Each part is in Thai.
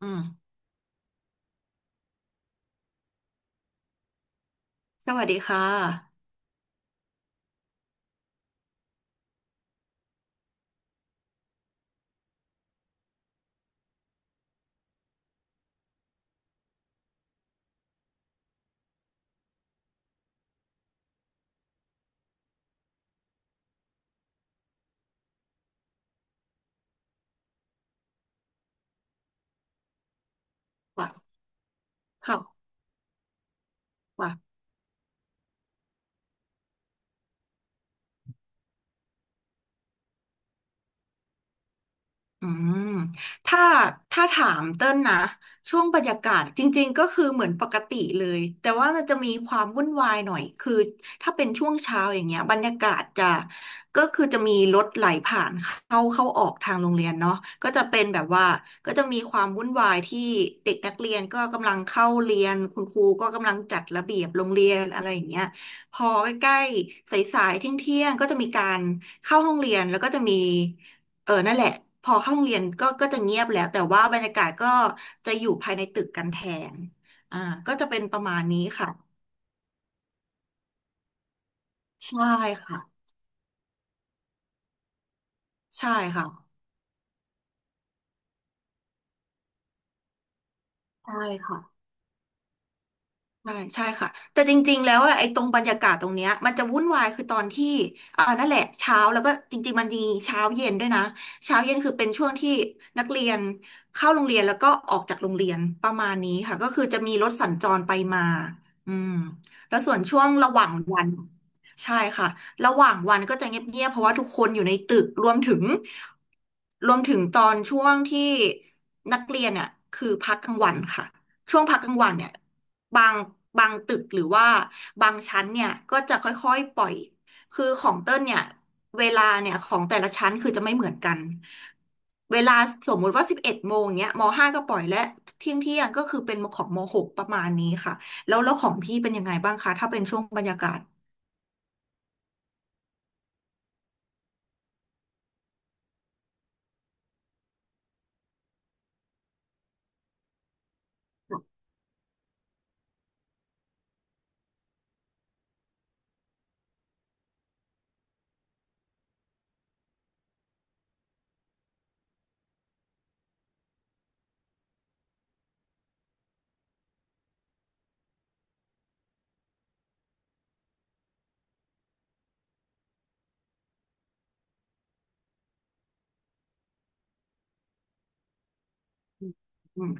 อืมสวัสดีค่ะว่ะค่ะว่ะ อืมถ้าถ้าถามเต้นนะช่วงบรรยากาศจริงๆก็คือเหมือนปกติเลยแต่ว่ามันจะมีความวุ่นวายหน่อยคือถ้าเป็นช่วงเช้าอย่างเงี้ยบรรยากาศจะก็คือจะมีรถไหลผ่านเข้าออกทางโรงเรียนเนาะก็จะเป็นแบบว่าก็จะมีความวุ่นวายที่เด็กนักเรียนก็กำลังเข้าเรียนคุณครูก็กำลังจัดระเบียบโรงเรียนอะไรอย่างเงี้ยพอใกล้ๆสายๆเที่ยงๆก็จะมีการเข้าห้องเรียนแล้วก็จะมี เออนั่นแหละพอเข้าโรงเรียนก็จะเงียบแล้วแต่ว่าบรรยากาศก็จะอยู่ภายในตึกกันแทนอ่าก็จะเป็นประมาณนี้ค่ะใช่ค่ะใช่ค่ะใช่ค่ะ ใช่ใช่ค่ะแต่จริงๆแล้วอะไอ้ตรงบรรยากาศตรงเนี้ยมันจะวุ่นวายคือตอนที่นั่นแหละเช้าแล้วก็จริงๆมันมีเช้าเย็นด้วยนะเช้าเย็นคือเป็นช่วงที่นักเรียนเข้าโรงเรียนแล้วก็ออกจากโรงเรียนประมาณนี้ค่ะก็คือจะมีรถสัญจรไปมาอืมแล้วส่วนช่วงระหว่างวันใช่ค่ะระหว่างวันก็จะเงียบๆเพราะว่าทุกคนอยู่ในตึกรวมถึงตอนช่วงที่นักเรียนเนี่ยคือพักกลางวันค่ะช่วงพักกลางวันเนี่ย บางบางตึกหรือว่าบางชั้นเนี่ยก็จะค่อยๆปล่อยคือของเต้นเนี่ยเวลาเนี่ยของแต่ละชั้นคือจะไม่เหมือนกันเวลาสมมุติว่า11โมงเนี้ยมห้าก็ปล่อยและเที่ยงเที่ยงก็คือเป็นของมหกประมาณนี้ค่ะแล้วแล้วของพี่เป็นยังไงบ้างคะถ้าเป็นช่วงบรรยากาศอืม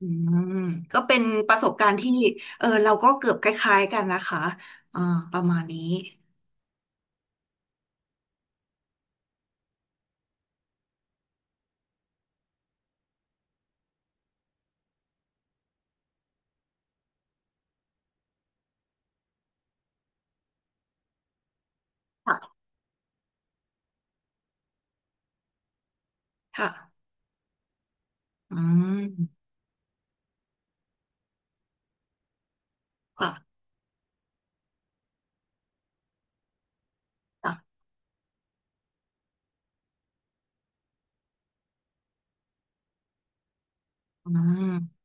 อืมก็เป็นประสบการณ์ที่เออเราก็เกือบคล้ายๆกันนะคะอ่าประมาณนี้ค่ะค่ะอืมค่ะค่ะอืม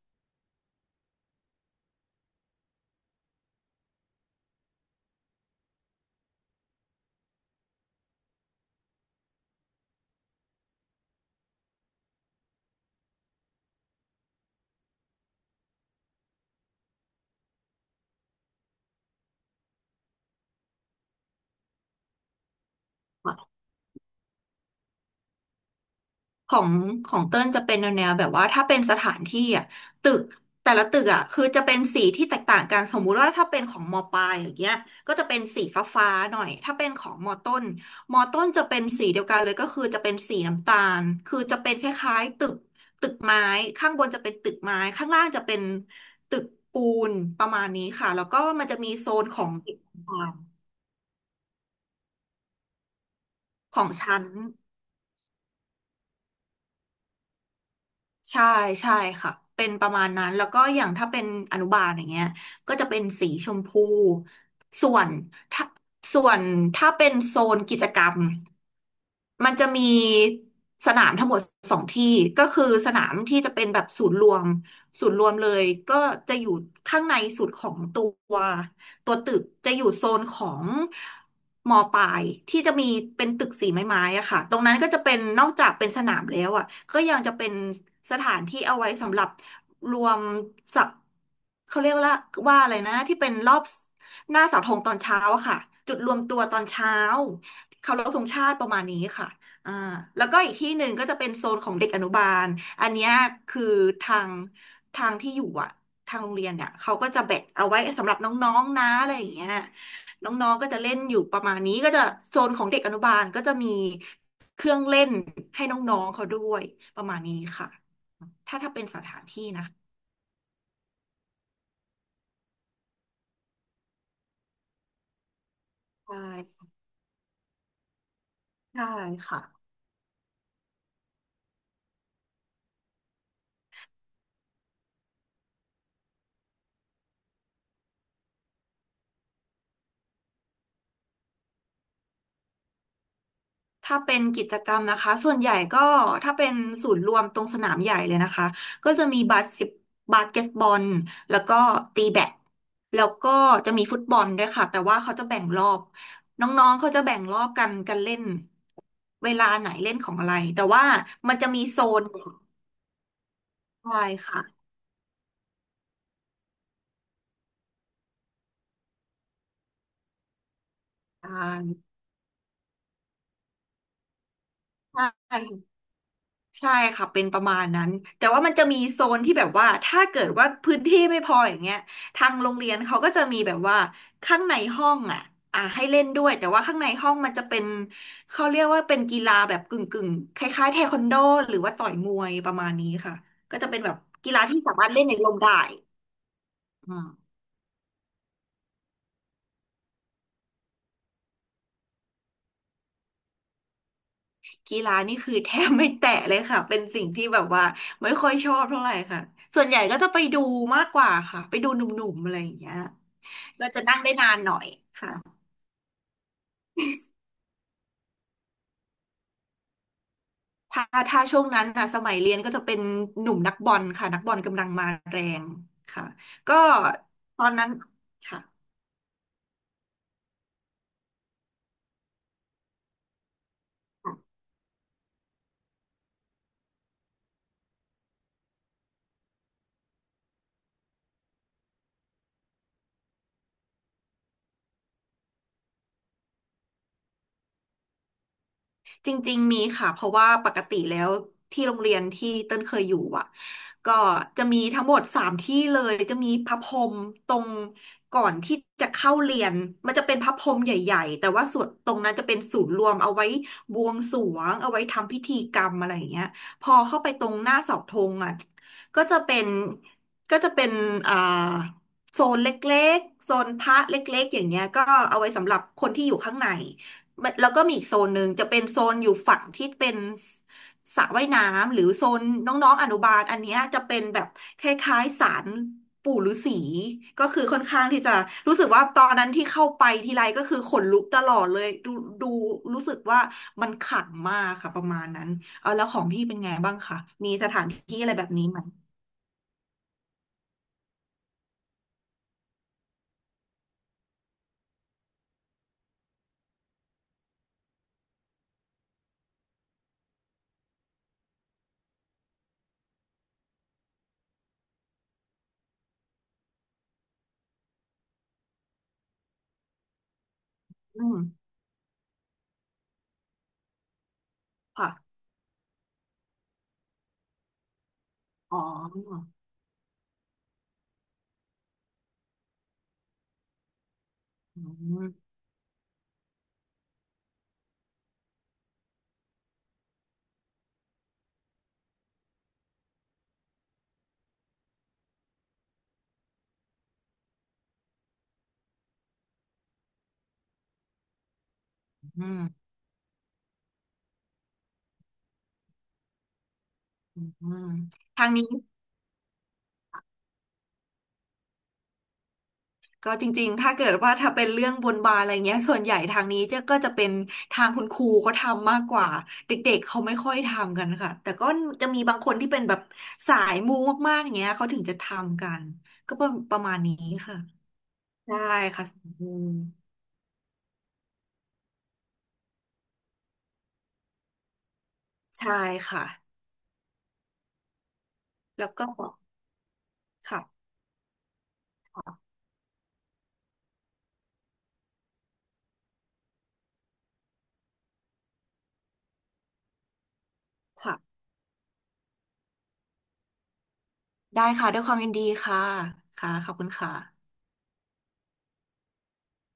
ของของเติ้ลจะเป็นแนวแบบว่าถ้าเป็นสถานที่อ่ะตึกแต่ละตึกอ่ะคือจะเป็นสีที่แตกต่างกันสมมุติว่าถ้าเป็นของมปลายอย่างเงี้ยก็จะเป็นสีฟ้าฟ้าหน่อยถ้าเป็นของมต้นจะเป็นสีเดียวกันเลยก็คือจะเป็นสีน้ำตาลคือจะเป็นคล้ายๆตึกไม้ข้างบนจะเป็นตึกไม้ข้างล่างจะเป็นตึกปูนประมาณนี้ค่ะแล้วก็มันจะมีโซนของเด็กต่างๆของชั้น ใช่ใช่ค่ะเป็นประมาณนั้นแล้วก็อย่างถ้าเป็นอนุบาลอย่างเงี้ยก็จะเป็นสีชมพูส่วนส่วนถ้าเป็นโซนกิจกรรม มันจะมีสนามทั้งหมด2ที่ก็คือสนามที่จะเป็นแบบศูนย์รวมเลยก็จะอยู่ข้างในสุดของวตัวตึกจะอยู่โซนของมอปลายที่จะมีเป็นตึกสีไม้ๆอะค่ะตรงนั้นก็จะเป็นนอกจากเป็นสนามแล้วอะก็ยังจะเป็นสถานที่เอาไว้สำหรับรวมสับเขาเรียกว่าอะไรนะที่เป็นรอบหน้าเสาธงตอนเช้าอะค่ะจุดรวมตัวตอนเช้า เคารพธงชาติประมาณนี้ค่ะอ่าแล้วก็อีกที่หนึ่งก็จะเป็นโซนของเด็กอนุบาลอันเนี้ยคือทางทางที่อยู่อะทางโรงเรียนเนี่ยเขาก็จะแบ่งเอาไว้สำหรับน้องๆนะอะไรอย่างเงี้ยน้องๆก็จะเล่นอยู่ประมาณนี้ก็จะโซนของเด็กอนุบาลก็จะมีเครื่องเล่นให้น้องๆเขาด้วยประมาณนี้ค่ะ ใช่ใช่ค่ะ ถ้าเป็นกิจกรรมนะคะส่วนใหญ่ก็ถ้าเป็นศูนย์รวมตรงสนามใหญ่เลยนะคะก็จะมีบาสสิบบาสเกตบอลแล้วก็ตีแบดแล้วก็จะมีฟุตบอลด้วยค่ะแต่ว่าเขาจะแบ่งรอบน้องๆเขาจะแบ่งรอบกันเล่นเวลาไหนเล่นของอะไรแต่ว่ามันจะมีโซนใช่ค่ะใช่ ใช่ค่ะเป็นประมาณนั้นแต่ว่ามันจะมีโซนที่แบบว่าถ้าเกิดว่าพื้นที่ไม่พออย่างเงี้ยทางโรงเรียนเขาก็จะมีแบบว่าข้างในห้องอ่ะให้เล่นด้วยแต่ว่าข้างในห้องมันจะเป็นเขาเรียกว่าเป็นกีฬาแบบกึ่งกึ่งคล้ายๆเทควันโดหรือว่าต่อยมวยประมาณนี้ค่ะก็จะเป็นแบบกีฬาที่สามารถเล่นในร่มได้อืมกีฬานี่คือแทบไม่แตะเลยค่ะเป็นสิ่งที่แบบว่าไม่ค่อยชอบเท่าไหร่ค่ะส่วนใหญ่ก็จะไปดูมากกว่าค่ะไปดูหนุ่มๆอะไรอย่างเงี้ย ก็จะนั่งได้นานหน่อยค่ะถ้าถ้าช่วงนั้นนะสมัยเรียนก็จะเป็นหนุ่มนักบอลค่ะนักบอลกำลังมาแรงค่ะ ก็ตอนนั้นค่ะ จริงๆมีค่ะเพราะว่าปกติแล้วที่โรงเรียนที่เต้นเคยอยู่อ่ะก็จะมีทั้งหมดสามที่เลยจะมีพระพรหมตรงก่อนที่จะเข้าเรียนมันจะเป็นพระพรหมใหญ่ๆแต่ว่าส่วนตรงนั้นจะเป็นศูนย์รวมเอาไว้บวงสรวงเอาไว้ทำพิธีกรรมอะไรอย่างเงี้ยพอเข้าไปตรงหน้าเสาธงอ่ะก็จะเป็นก็จะเป็นอ่าโซนเล็กๆโซนพระเล็กๆอย่างเงี้ยก็เอาไว้สำหรับคนที่อยู่ข้างใน มันแล้วก็มีอีกโซนหนึ่งจะเป็นโซนอยู่ฝั่งที่เป็นสระว่ายน้ำหรือโซนน้องๆอนุบาลอันเนี้ยจะเป็นแบบคล้ายๆศาลปู่ฤาษีก็คือค่อนข้างที่จะรู้สึกว่าตอนนั้นที่เข้าไปทีไรก็คือขนลุกตลอดเลยดูรู้สึกว่ามันขลังมากค่ะประมาณนั้นเอาแล้วของพี่เป็นไงบ้างคะมีสถานที่อะไรแบบนี้ไหมอืมค่ะอ๋ออืมอืมอืมทางนี้ ก็จริงๆถ้าเกิดว่าถ้าเป็นเรื่องบนบานอะไรเงี้ยส่วนใหญ่ทางนี้จะก็จะเป็นทางคุณครูเขาทำมากกว่าเด็กๆเขาไม่ค่อยทำกันค่ะแต่ก็จะมีบางคนที่เป็นแบบสายมูมากๆอย่างเงี้ยเขาถึงจะทำกันก็ประมาณนี้ค่ะได้ค่ะสายมูใช่ค่ะแล้วก็ค่ะค่ะค่ะได้ค่ะด้วยความยินดีค่ะค่ะขอบคุณค่ะ